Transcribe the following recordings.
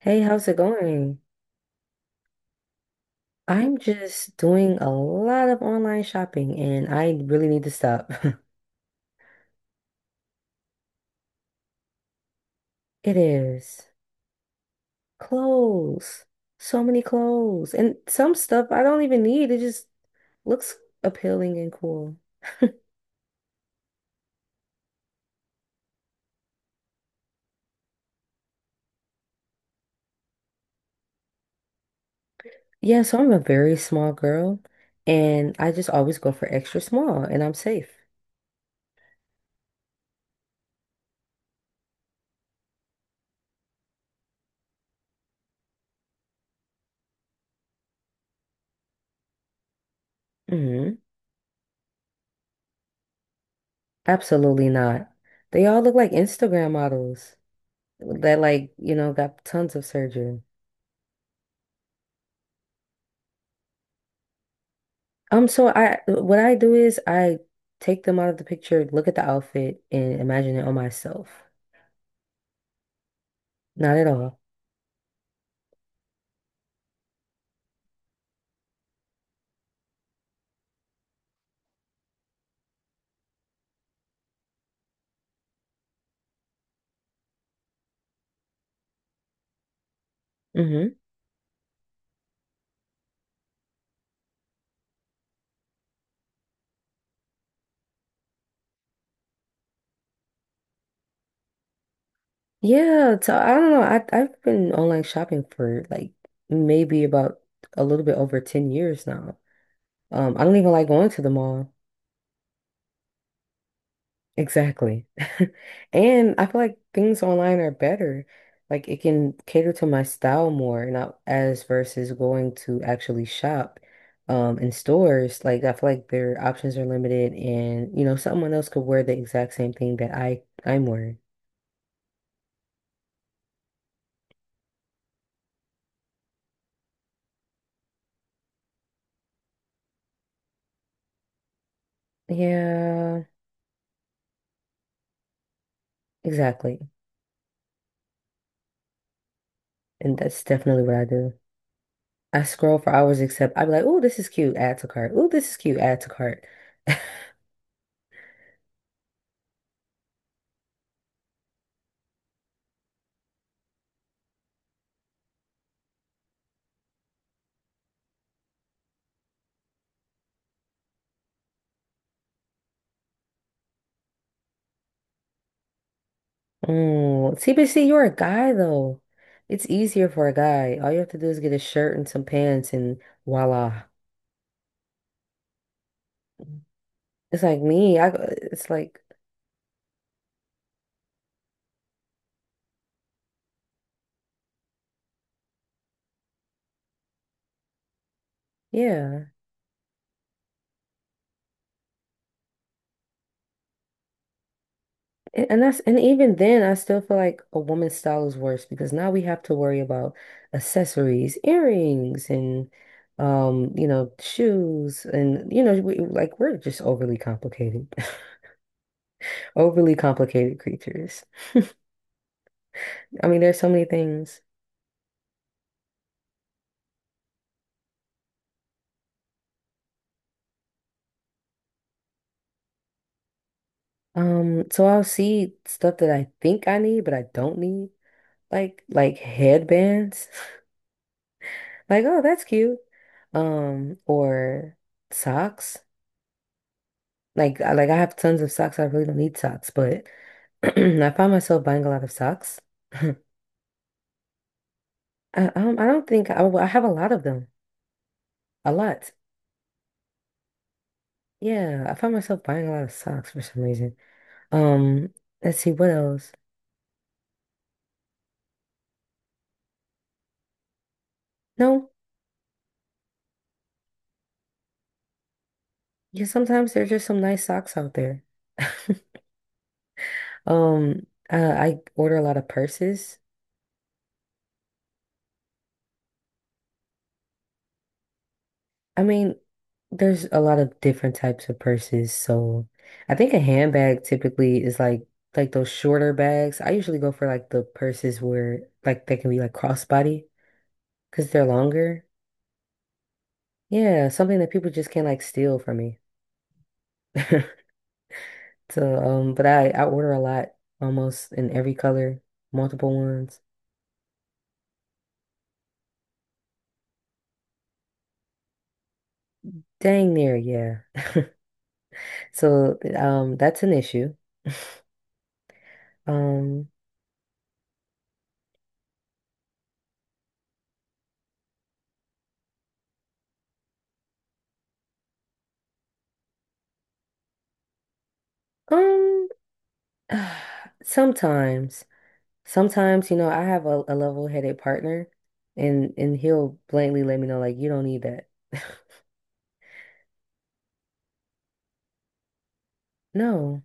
Hey, how's it going? I'm just doing a lot of online shopping and I really need to stop. It is clothes. So many clothes. And some stuff I don't even need. It just looks appealing and cool. Yeah, so I'm a very small girl and I just always go for extra small and I'm safe. Hmm. Absolutely not. They all look like Instagram models that like, got tons of surgery. So I what I do is I take them out of the picture, look at the outfit, and imagine it on myself. Not at all. Hmm. Yeah, so I don't know. I've been online shopping for like maybe about a little bit over 10 years now. I don't even like going to the mall. Exactly. And I feel like things online are better. Like it can cater to my style more, not as versus going to actually shop in stores. Like I feel like their options are limited and someone else could wear the exact same thing that I'm wearing. Yeah, exactly. And that's definitely what I do. I scroll for hours except I'd be like, oh, this is cute, add to cart. Oh, this is cute, add to cart. Oh, see, but see, you're a guy though. It's easier for a guy. All you have to do is get a shirt and some pants, and voila. It's like me. I. It's like yeah, and even then, I still feel like a woman's style is worse because now we have to worry about accessories, earrings, and shoes, and like we're just overly complicated, overly complicated creatures. I mean, there's so many things. So I'll see stuff that I think I need, but I don't need, like headbands. Like, oh, that's cute. Or socks. Like I have tons of socks. I really don't need socks, but I find myself buying a lot of socks. I I don't think well, I have a lot of them. A lot. Yeah, I find myself buying a lot of socks for some reason. Um, let's see what else. No, yeah, sometimes there's just some nice socks out there. Um, I order a lot of purses. I mean, there's a lot of different types of purses, so I think a handbag typically is like those shorter bags. I usually go for like the purses where like they can be like crossbody because they're longer. Yeah, something that people just can't like steal from me. So, but I order a lot, almost in every color, multiple ones. Dang near, yeah. So, that's an issue. Um. Um, Sometimes, sometimes, I have a level-headed partner and he'll blatantly let me know like you don't need that. No.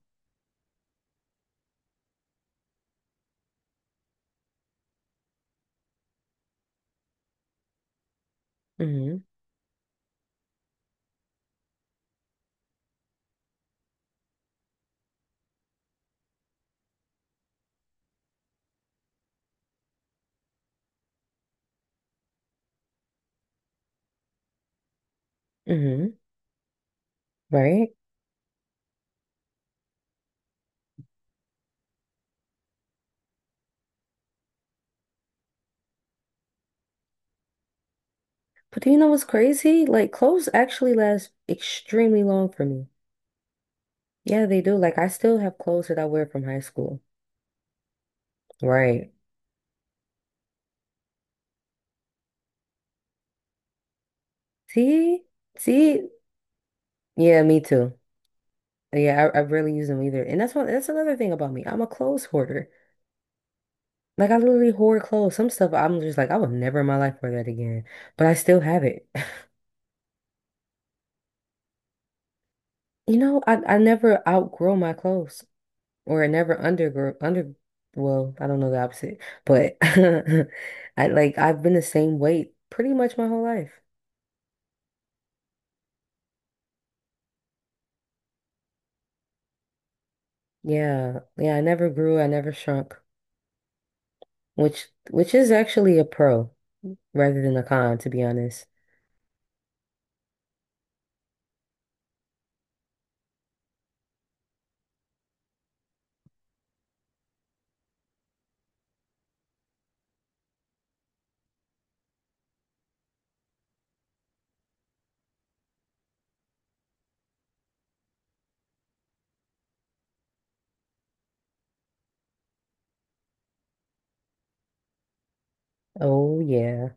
Mm-hmm. Mm-hmm. Right? But do you know what's crazy? Like clothes actually last extremely long for me. Yeah, they do. Like I still have clothes that I wear from high school. Right. See? See? Yeah, me too. Yeah, I rarely use them either. And that's another thing about me. I'm a clothes hoarder. Like I literally hoard clothes. Some stuff I'm just like, I would never in my life wear that again. But I still have it. I never outgrow my clothes or I never undergrow under well, I don't know the opposite, but I like I've been the same weight pretty much my whole life. Yeah. Yeah, I never grew, I never shrunk, which is actually a pro rather than a con, to be honest. Oh yeah.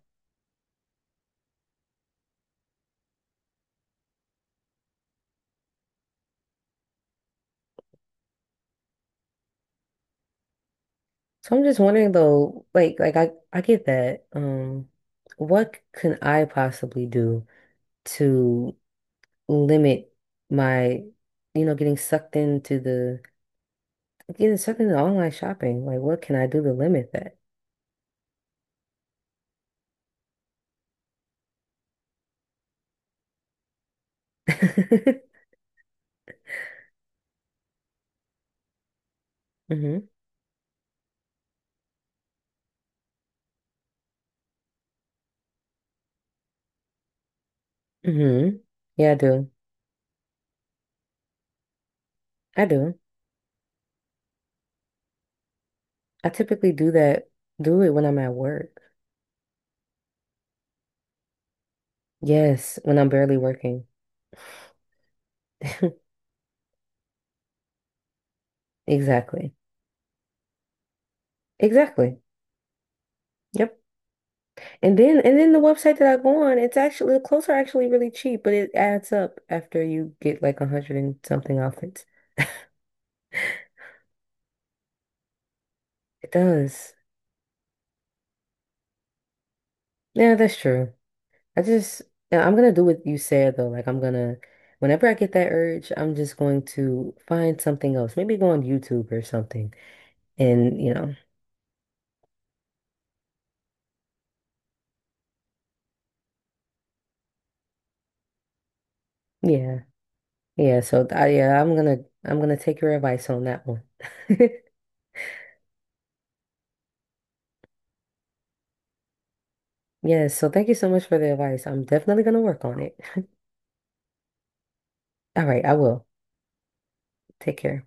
So I'm just wondering though, like I get that. What can I possibly do to limit my, getting sucked into online shopping? Like, what can I do to limit that? Hmm. Hmm. Yeah, I do. I do. I typically do that, do it when I'm at work. Yes, when I'm barely working. Exactly. Exactly. Yep. And then the website that I go on, it's actually the clothes are actually really cheap, but it adds up after you get like a hundred and something outfits. It does. Yeah, that's true. I just, yeah, I'm gonna do what you said though. Like, whenever I get that urge, I'm just going to find something else. Maybe go on YouTube or something. And yeah, yeah. So yeah, I'm gonna take your advice on that one. Yes. So thank you so much for the advice. I'm definitely gonna work on it. All right, I will. Take care.